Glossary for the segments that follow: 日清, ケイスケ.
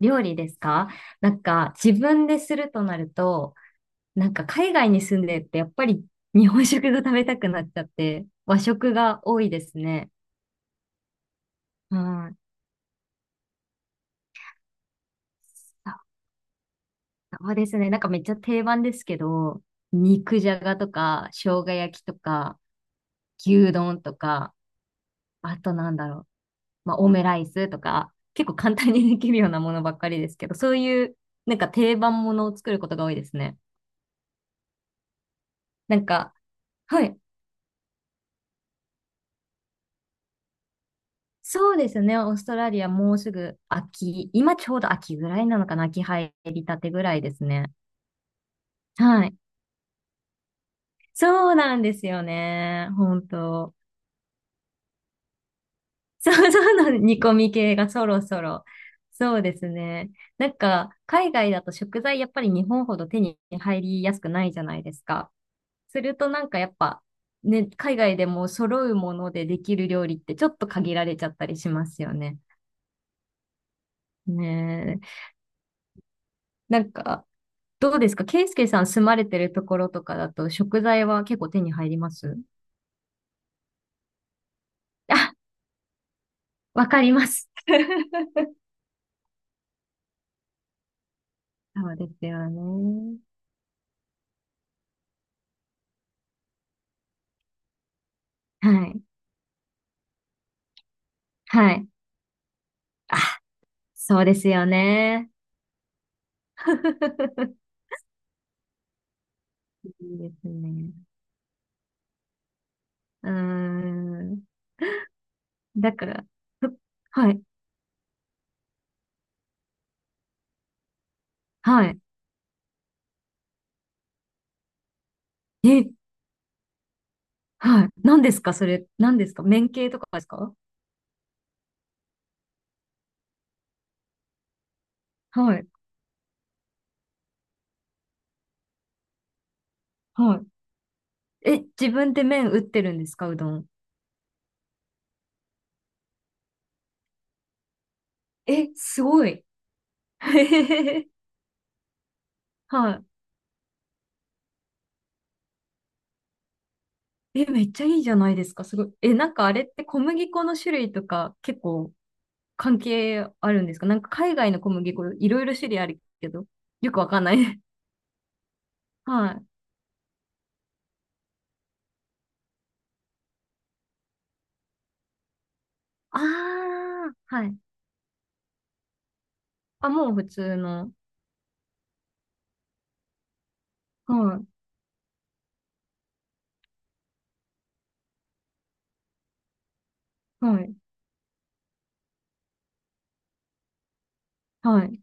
料理ですか？なんか自分でするとなると、なんか海外に住んでってやっぱり日本食が食べたくなっちゃって和食が多いですね。うん。そうですね。なんかめっちゃ定番ですけど、肉じゃがとか生姜焼きとか牛丼とか、あとなんだろう。まあオムライスとか、結構簡単にできるようなものばっかりですけど、そういうなんか定番ものを作ることが多いですね。なんか、はい。そうですね。オーストラリアもうすぐ秋、今ちょうど秋ぐらいなのかな。秋入りたてぐらいですね。はい。そうなんですよね。本当。そうそう、なん煮込み系がそろそろ。そうですね。なんか、海外だと食材やっぱり日本ほど手に入りやすくないじゃないですか。するとなんかやっぱ、ね、海外でも揃うものでできる料理ってちょっと限られちゃったりしますよね。ねえ。なんか、どうですか？ケイスケさん住まれてるところとかだと食材は結構手に入ります？あ、わかります。そうですよね。はい。はい。あ、そうですよね。いいですね。うーん。だから、ふはい。はい。え、はい。何ですかそれ、何ですか麺系とかですか？はい。はい。え、自分で麺打ってるんですか？うどん。え、すごい。はい。え、めっちゃいいじゃないですか。すごい。え、なんかあれって小麦粉の種類とか結構関係あるんですか？なんか海外の小麦粉いろいろ種類あるけど、よくわかんない。はい。ああ、はい。あ、もう普通の。はい、はい、はい、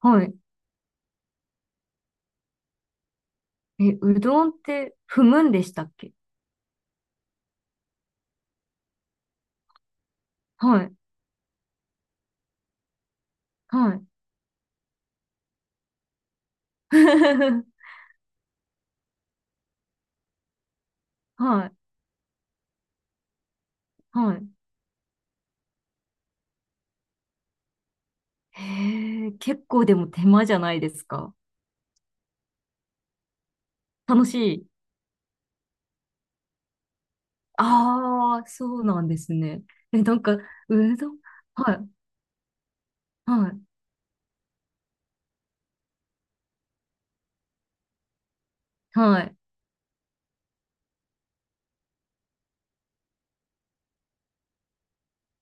はい。え、うどんって踏むんでしたっけ？はい、はい。はい、はい。へえ、結構でも手間じゃないですか。楽しい。ああ、そうなんですね。え、なんか、うどん、はい、はい、はい。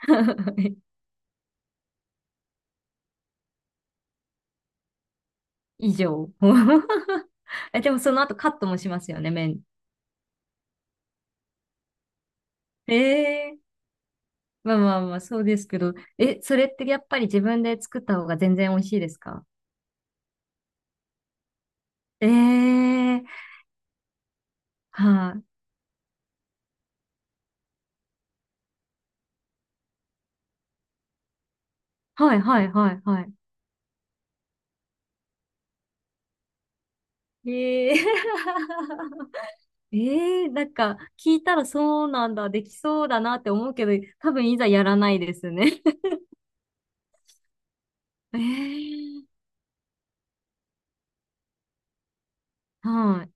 以上。え、でもその後カットもしますよね、麺。ええ、まあまあまあ、そうですけど。え、それってやっぱり自分で作った方が全然美味しいですか？ええ、はい、はい、はい、はい、はい。ええ ええ、なんか、聞いたらそうなんだ、できそうだなって思うけど、多分いざやらないですね。ええ、はい。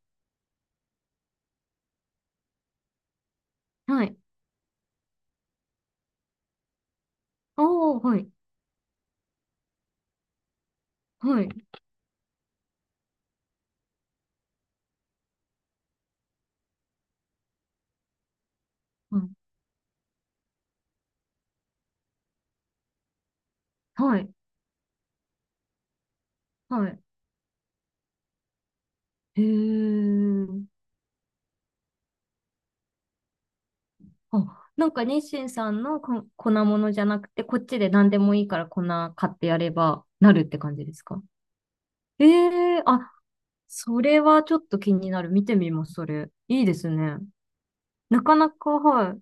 はい。おー、はい。はい。はい。はい。はい。へえ。あ、なんか日清さんのこ粉物じゃなくて、こっちで何でもいいから粉買ってやればなるって感じですか？ええ、あ、それはちょっと気になる。見てみます、それ。いいですね。なかなか、はい。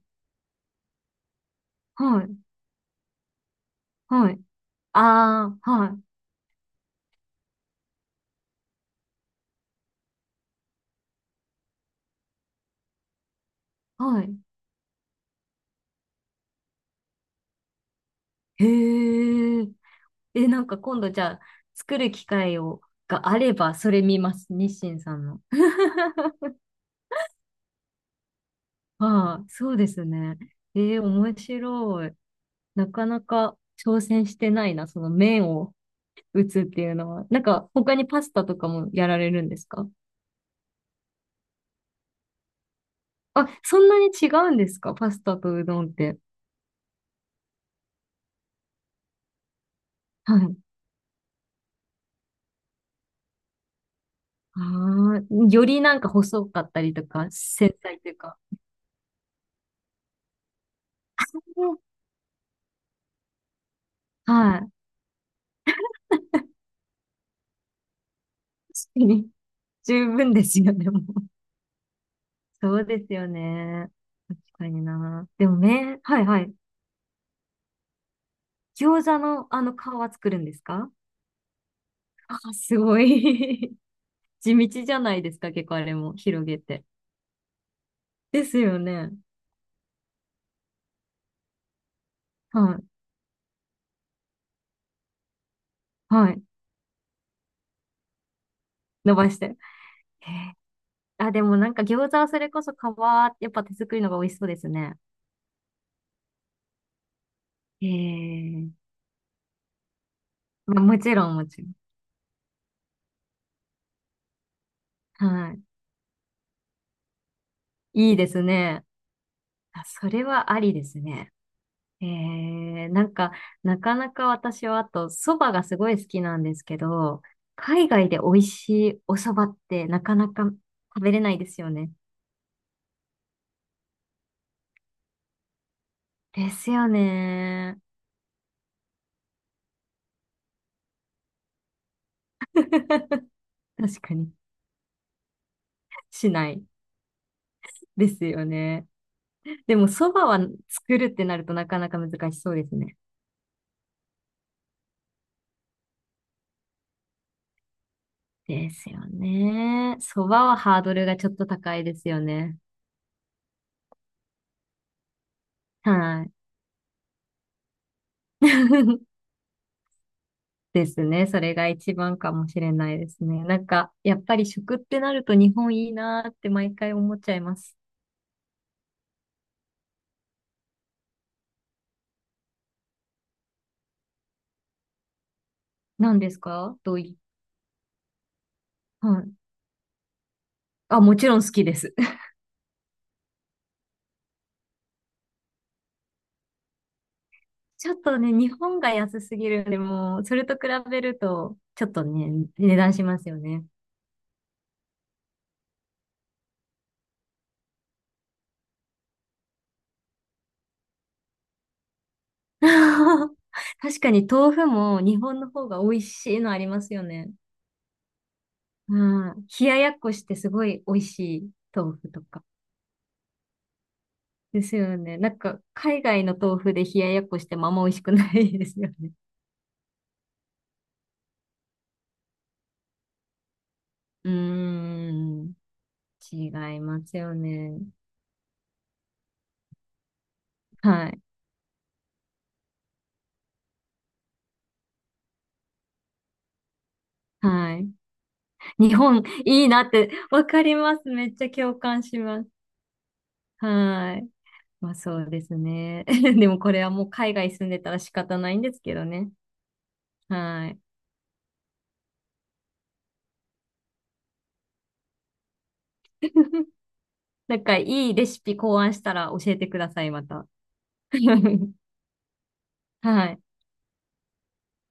はい。はい。ああ、はい。はい。へえ。え、なんか今度じゃあ、作る機会を、があれば、それ見ます。日清さんの。ああ、そうですね。ええ、面白い。なかなか挑戦してないな、その麺を打つっていうのは。なんか、他にパスタとかもやられるんですか？あ、そんなに違うんですか？パスタとうどんって。はい。ああ、よりなんか細かったりとか、繊細というか。うん、はい。確かに、十分ですよ、でも。そうですよね。確かにな。でもね、はいはい。餃子のあの皮作るんですか？ あ、すごい。地道じゃないですか、結構あれも広げて。ですよね。はい。はい。伸ばして。へえ、あ、でもなんか餃子はそれこそ皮、やっぱ手作りのが美味しそうですね。ええ、まあ、もちろん、もちろん。はい。いいですね。あ、それはありですね。ええ、なんか、なかなか私はあと、蕎麦がすごい好きなんですけど、海外で美味しいお蕎麦ってなかなか食べれないですよね。ですよね。確かに。しないですよね。でも、そばは作るってなるとなかなか難しそうですね。ですよね。そばはハードルがちょっと高いですよね。はい。ですね。それが一番かもしれないですね。なんか、やっぱり食ってなると日本いいなーって毎回思っちゃいます。何ですか？どうい、はい。あ、もちろん好きです。ちょっとね、日本が安すぎるんで、もう、それと比べると、ちょっとね、値段しますよね。確かに豆腐も日本の方が美味しいのありますよね。うん。冷ややっこしてすごい美味しい豆腐とか。ですよね。なんか、海外の豆腐で冷ややっこしてもあんま美味しくないですよね。うーん。違いますよね。はい。はい。日本いいなって、わかります。めっちゃ共感します。はい。まあそうですね。でもこれはもう海外住んでたら仕方ないんですけどね。はい。なんかいいレシピ考案したら教えてください、また。はい。